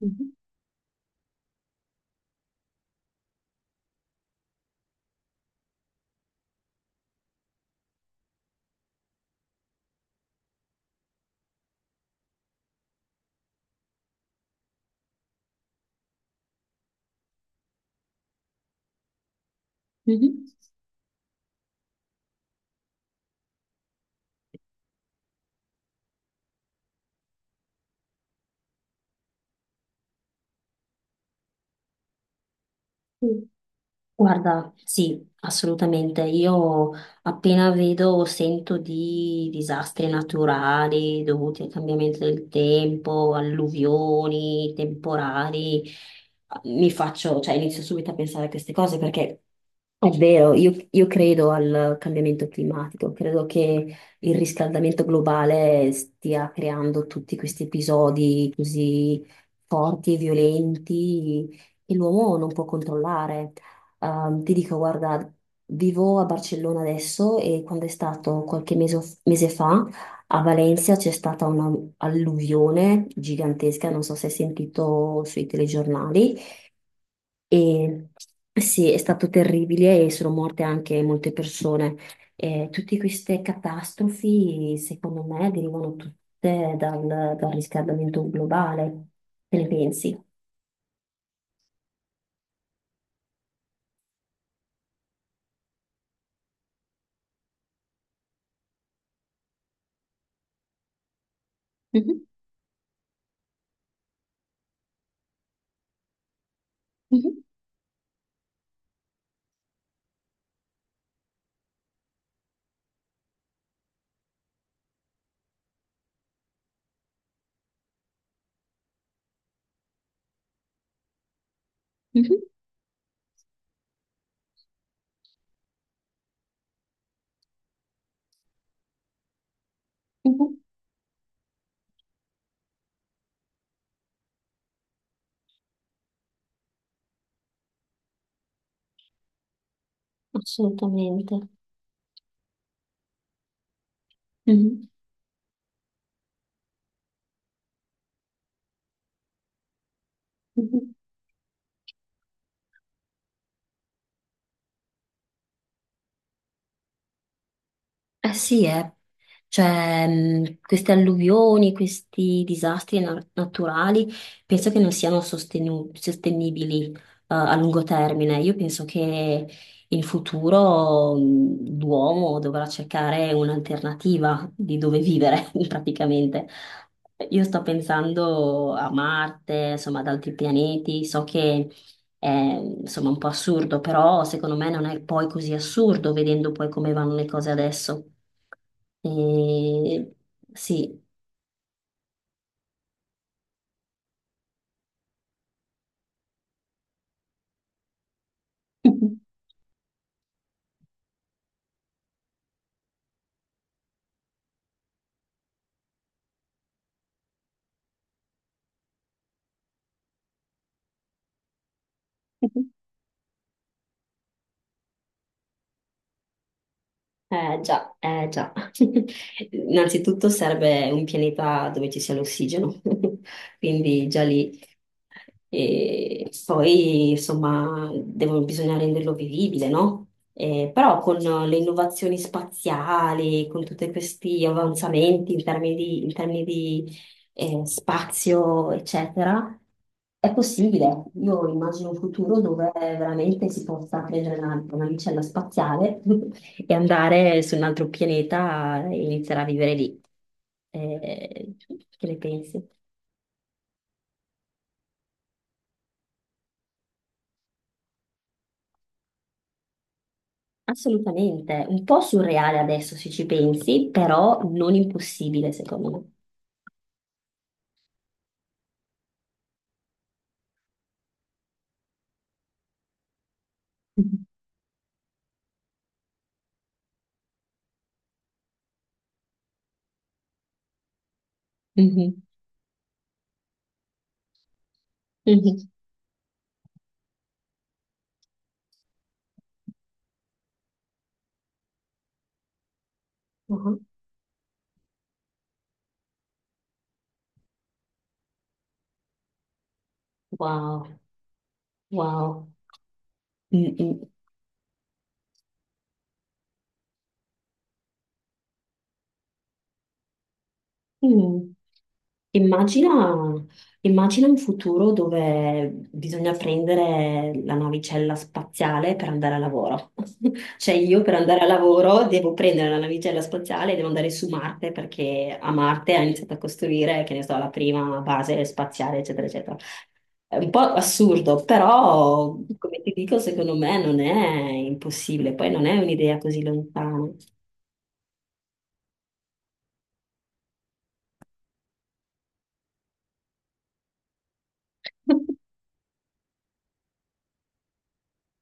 Mhm. Mhm. Sì. Guarda, sì, assolutamente. Io appena vedo o sento di disastri naturali dovuti al cambiamento del tempo, alluvioni, temporali, mi faccio, cioè inizio subito a pensare a queste cose perché è vero, io credo al cambiamento climatico, credo che il riscaldamento globale stia creando tutti questi episodi così forti e violenti che l'uomo non può controllare. Ti dico, guarda, vivo a Barcellona adesso e quando è stato qualche mese, mese fa a Valencia c'è stata un'alluvione gigantesca, non so se hai sentito sui telegiornali. E eh sì, è stato terribile e sono morte anche molte persone. E tutte queste catastrofi, secondo me, derivano tutte dal riscaldamento globale. Che ne pensi? Mhm, mhm, mhm, mhm. Assolutamente. Mhm, mhm. Eh sì, eh. Cioè, queste alluvioni, questi disastri naturali, penso che non siano sostenibili, a lungo termine. Io penso che in futuro, l'uomo dovrà cercare un'alternativa di dove vivere, praticamente. Io sto pensando a Marte, insomma, ad altri pianeti. So che è, insomma, un po' assurdo, però secondo me non è poi così assurdo vedendo poi come vanno le cose adesso. E sì. Eh già, eh già. Innanzitutto serve un pianeta dove ci sia l'ossigeno, quindi già lì. E poi, insomma, bisogna renderlo vivibile, no? Però con le innovazioni spaziali, con tutti questi avanzamenti in termini di, spazio, eccetera, è possibile. Io immagino un futuro dove veramente si possa prendere una navicella spaziale e andare su un altro pianeta e iniziare a vivere lì. Eh, che ne pensi? Assolutamente, un po' surreale adesso se ci pensi, però non impossibile secondo me. Mhm, mhm, mhm. Wow, wow. Mm, mm, mm. Immagina, Immagina un futuro dove bisogna prendere la navicella spaziale per andare a lavoro. Cioè io per andare a lavoro devo prendere la navicella spaziale e devo andare su Marte perché a Marte ha iniziato a costruire, che ne so, la prima base spaziale, eccetera, eccetera. È un po' assurdo, però come ti dico, secondo me non è impossibile, poi non è un'idea così lontana.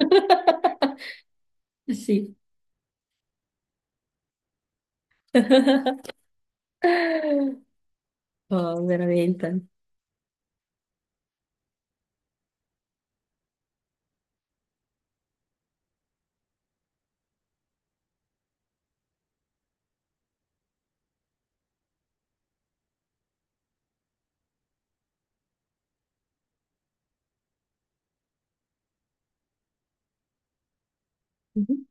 Sì. Oh, veramente. Mhm,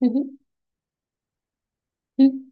mhm, mhm.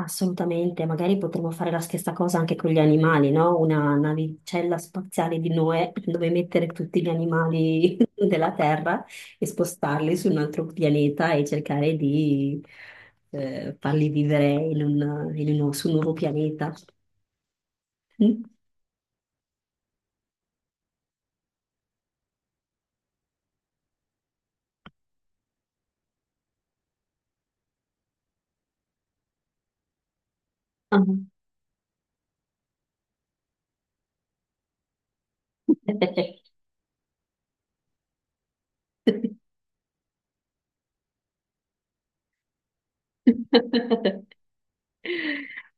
Assolutamente, magari potremmo fare la stessa cosa anche con gli animali, no? Una navicella spaziale di Noè dove mettere tutti gli animali della Terra e spostarli su un altro pianeta e cercare di farli vivere in su un nuovo pianeta. Mm? Ah.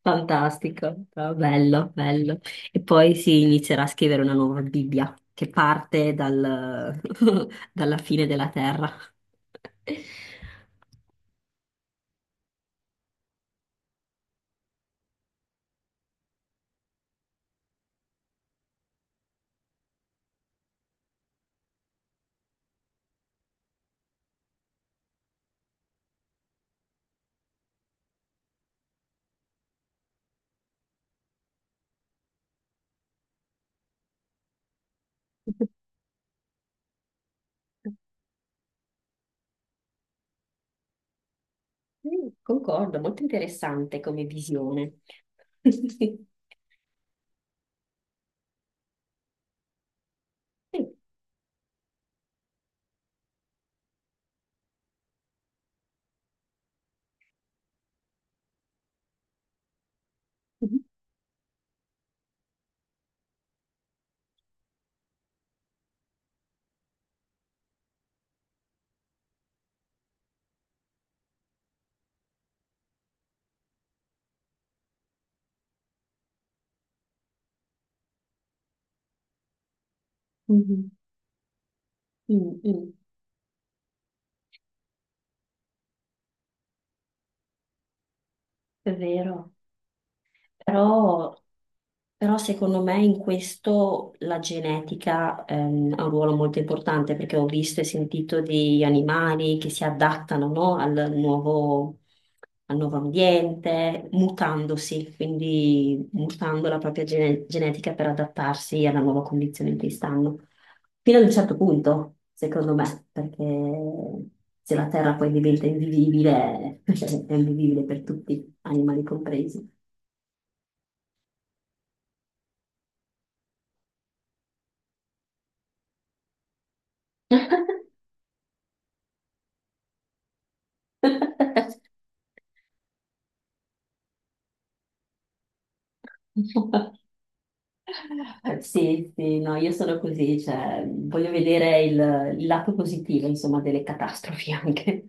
Fantastico. Ah, bello, bello. E poi si inizierà a scrivere una nuova Bibbia che parte dalla fine della terra. Mm, concordo, molto interessante come visione. Sì. Mm, mm, mm. È vero, però però secondo me in questo la genetica ha un ruolo molto importante perché ho visto e sentito di animali che si adattano, no, al nuovo ambiente, mutandosi, quindi mutando la propria genetica per adattarsi alla nuova condizione in cui stanno. Fino ad un certo punto, secondo me, perché se la Terra poi diventa invivibile, è invivibile per tutti, animali compresi. Sì, sì, no, io sono così, cioè, voglio vedere il lato positivo, insomma, delle catastrofi anche.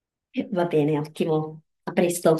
Va bene, ottimo. A presto.